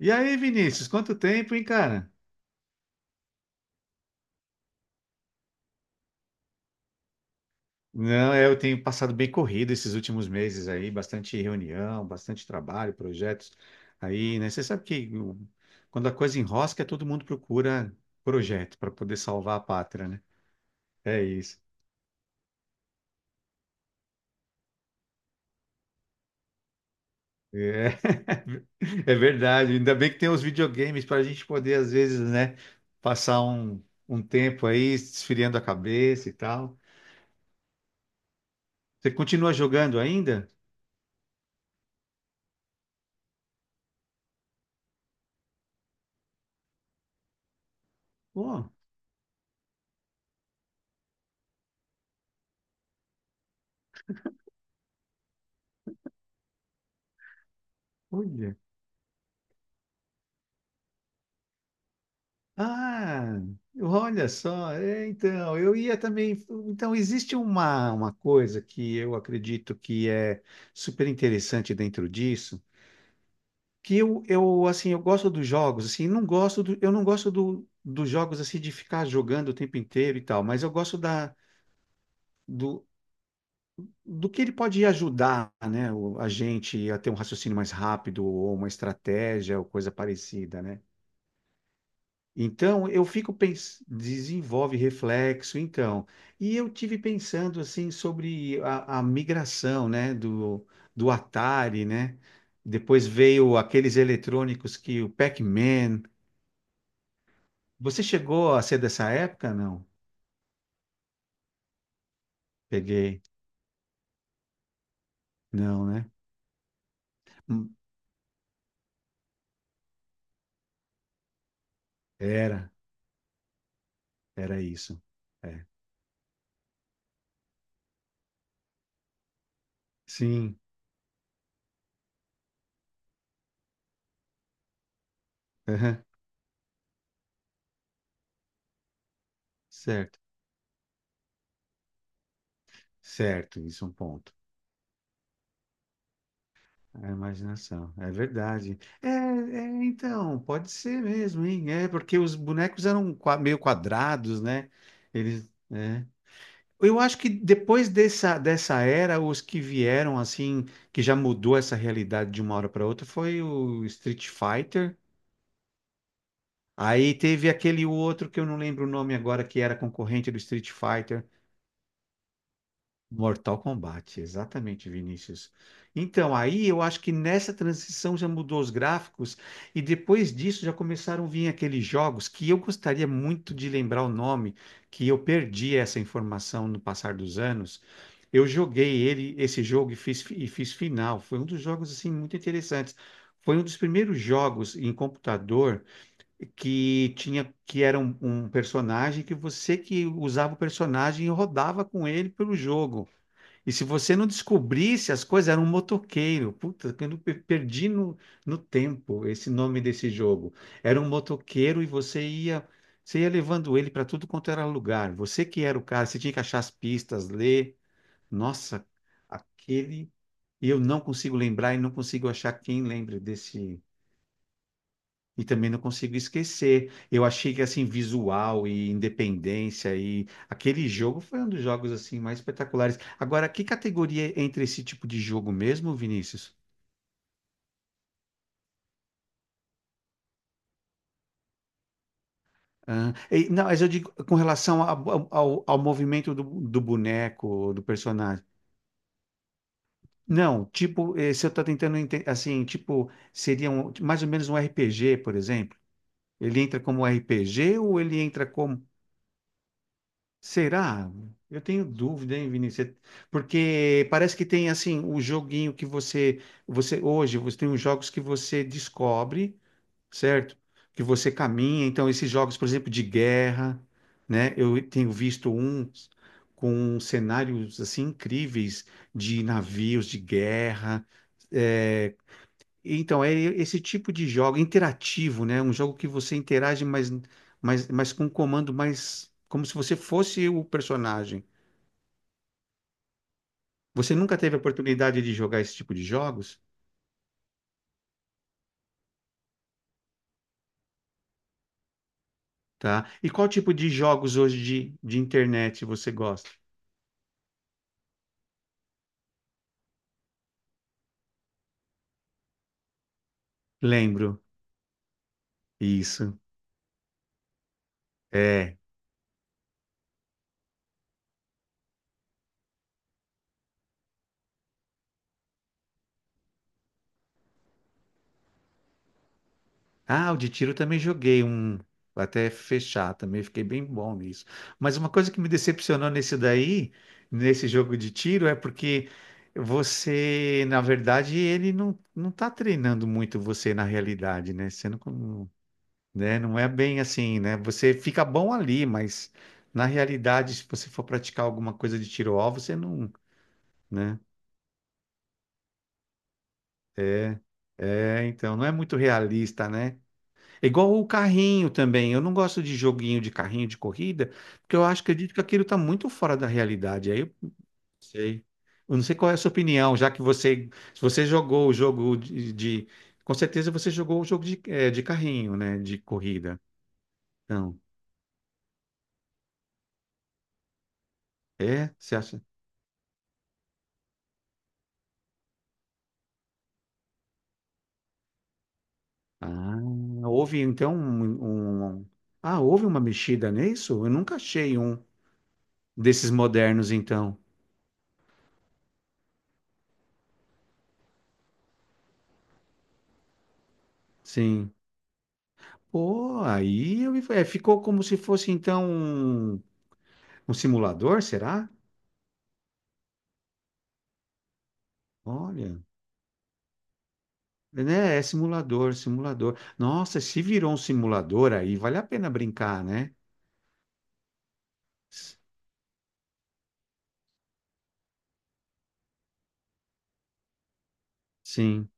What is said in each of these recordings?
E aí, Vinícius, quanto tempo, hein, cara? Não, é, eu tenho passado bem corrido esses últimos meses aí, bastante reunião, bastante trabalho, projetos aí, né? Você sabe que quando a coisa enrosca, todo mundo procura projeto para poder salvar a pátria, né? É isso. É, é verdade. Ainda bem que tem os videogames para a gente poder, às vezes, né, passar um tempo aí esfriando a cabeça e tal. Você continua jogando ainda? Pô, olha. Ah, olha só, então, eu ia também. Então, existe uma coisa que eu acredito que é super interessante dentro disso, que eu assim, eu gosto dos jogos, assim, não gosto eu não gosto dos jogos assim de ficar jogando o tempo inteiro e tal, mas eu gosto do, do que ele pode ajudar, né, a gente a ter um raciocínio mais rápido ou uma estratégia ou coisa parecida, né? Então, eu fico pensando, desenvolve reflexo, então. E eu tive pensando assim sobre a migração, né, do Atari, né? Depois veio aqueles eletrônicos que o Pac-Man. Você chegou a ser dessa época? Não. Peguei. Não, né? Hum. Era, era isso. É. Sim. Aham. Certo. Certo, isso é um ponto. A imaginação, é verdade. É, então, pode ser mesmo, hein? É, porque os bonecos eram meio quadrados, né? Eles, é. Eu acho que depois dessa era, os que vieram, assim, que já mudou essa realidade de uma hora para outra, foi o Street Fighter. Aí teve aquele outro que eu não lembro o nome agora, que era concorrente do Street Fighter. Mortal Kombat, exatamente, Vinícius. Então, aí eu acho que nessa transição já mudou os gráficos e depois disso já começaram a vir aqueles jogos que eu gostaria muito de lembrar o nome, que eu perdi essa informação no passar dos anos. Eu joguei ele, esse jogo e fiz final. Foi um dos jogos assim muito interessantes. Foi um dos primeiros jogos em computador que tinha que era um personagem que usava o personagem e rodava com ele pelo jogo. E se você não descobrisse as coisas, era um motoqueiro. Puta, eu não perdi no tempo esse nome desse jogo. Era um motoqueiro e você ia levando ele para tudo quanto era lugar. Você que era o cara, você tinha que achar as pistas, ler. Nossa, aquele. E eu não consigo lembrar e não consigo achar quem lembre desse. E também não consigo esquecer. Eu achei que assim visual e independência e aquele jogo foi um dos jogos assim mais espetaculares. Agora, que categoria entra esse tipo de jogo mesmo, Vinícius? Não, mas eu digo com relação ao movimento do boneco, do personagem. Não, tipo, se eu estou assim, tipo, seria mais ou menos um RPG, por exemplo. Ele entra como RPG ou ele entra como... Será? Eu tenho dúvida, hein, Vinícius? Porque parece que tem assim o joguinho que você, você hoje você tem os jogos que você descobre, certo? Que você caminha. Então esses jogos, por exemplo, de guerra, né? Eu tenho visto uns com cenários assim incríveis de navios de guerra, eh, então, é esse tipo de jogo interativo, né? Um jogo que você interage, mas com um comando mais como se você fosse o personagem. Você nunca teve a oportunidade de jogar esse tipo de jogos, tá? E qual tipo de jogos hoje de internet você gosta? Lembro. Isso. É. Ah, o de tiro também joguei um até fechar, também fiquei bem bom nisso. Mas uma coisa que me decepcionou nesse daí, nesse jogo de tiro, é porque você, na verdade, ele não tá treinando muito você na realidade, né? Você não, com- né? Não é bem assim, né? Você fica bom ali, mas na realidade, se você for praticar alguma coisa de tiro-alvo, você não, né? É, é, então não é muito realista, né? É igual o carrinho também. Eu não gosto de joguinho de carrinho de corrida, porque eu acho, acredito que aquilo está muito fora da realidade. Aí eu não sei. Eu não sei qual é a sua opinião, já que você, se você jogou o jogo com certeza você jogou o jogo de, de carrinho, né? De corrida. Não. É? Você acha? Ah, houve então um- Ah, houve uma mexida nisso? Eu nunca achei um desses modernos, então. Sim. Pô, aí ficou como se fosse então um um simulador, será? Olha, né? É simulador, simulador. Nossa, se virou um simulador aí, vale a pena brincar, né? S- Sim,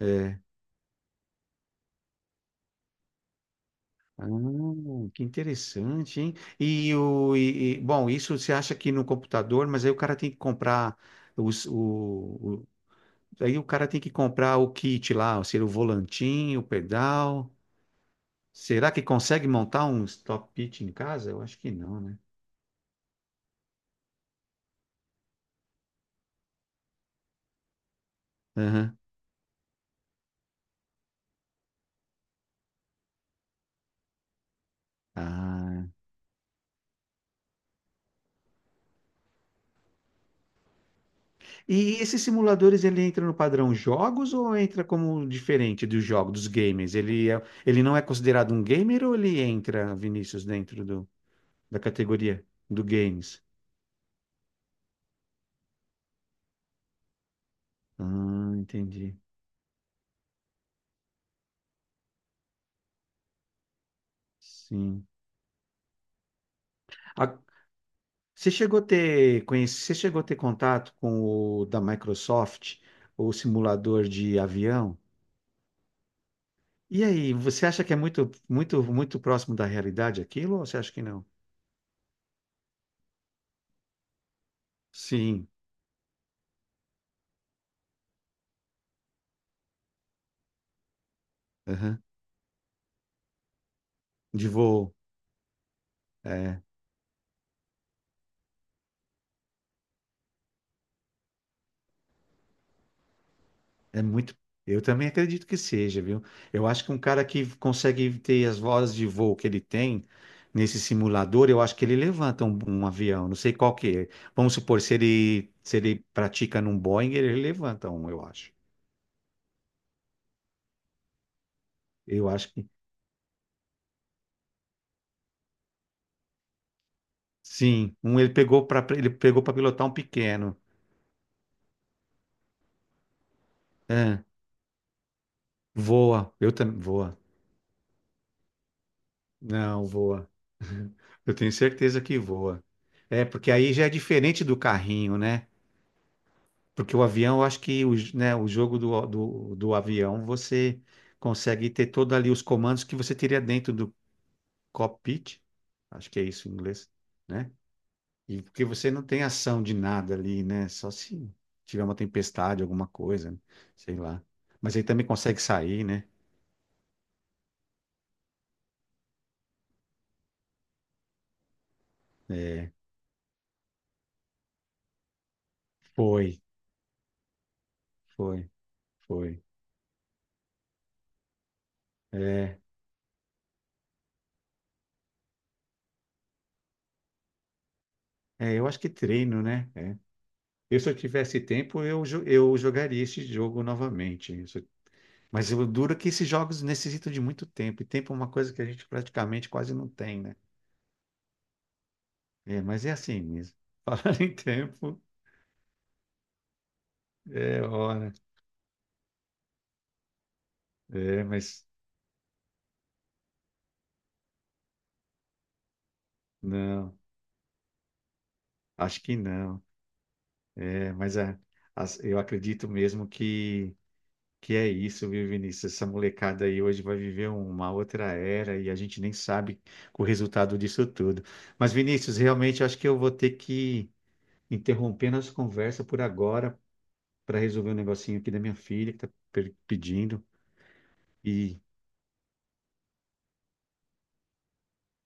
é. Ah, que interessante, hein? E bom, isso você acha que no computador, mas aí o cara tem que comprar os, o, o- aí o cara tem que comprar o kit lá, ou seja, o volantinho, o pedal. Será que consegue montar um stop pitch em casa? Eu acho que não, né? Aham. Ah, e esses simuladores, ele entra no padrão jogos ou entra como diferente dos jogos, dos gamers? Ele, ele não é considerado um gamer ou ele entra, Vinícius, dentro do, da categoria do games? Ah, entendi. Sim. A- você chegou a ter, conhece, você chegou a ter contato com o da Microsoft, o simulador de avião? E aí, você acha que é muito, muito, muito próximo da realidade aquilo ou você acha que não? Sim. Aham. De voo. É muito. Eu também acredito que seja, viu? Eu acho que um cara que consegue ter as vozes de voo que ele tem nesse simulador, eu acho que ele levanta um avião. Não sei qual que é. Vamos supor, se ele, se ele pratica num Boeing, ele levanta um, eu acho. Eu acho que sim. Um ele pegou para pilotar um pequeno. É, voa. Eu também voa. Não, voa. Eu tenho certeza que voa. É, porque aí já é diferente do carrinho, né? Porque o avião, eu acho que o jogo do avião, você consegue ter todos ali os comandos que você teria dentro do cockpit, acho que é isso em inglês, né? E porque você não tem ação de nada ali, né? Só se tiver uma tempestade, alguma coisa, né? Sei lá. Mas aí também consegue sair, né? Foi, foi, foi. É, é, eu acho que treino, né? É. Eu, se eu tivesse tempo, eu jogaria esse jogo novamente. Mas o duro é que esses jogos necessitam de muito tempo, e tempo é uma coisa que a gente praticamente quase não tem, né? É, mas é assim mesmo. Falando em tempo, é hora. É, mas não, acho que não. É, mas eu acredito mesmo que é isso, viu, Vinícius? Essa molecada aí hoje vai viver uma outra era e a gente nem sabe o resultado disso tudo. Mas, Vinícius, realmente acho que eu vou ter que interromper nossa conversa por agora, para resolver um negocinho aqui da minha filha que tá pedindo. E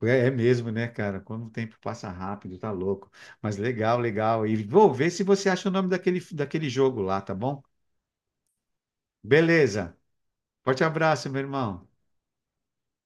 é, é mesmo, né, cara? Quando o tempo passa rápido, tá louco. Mas legal, legal. E vou ver se você acha o nome daquele, daquele jogo lá, tá bom? Beleza. Forte abraço, meu irmão.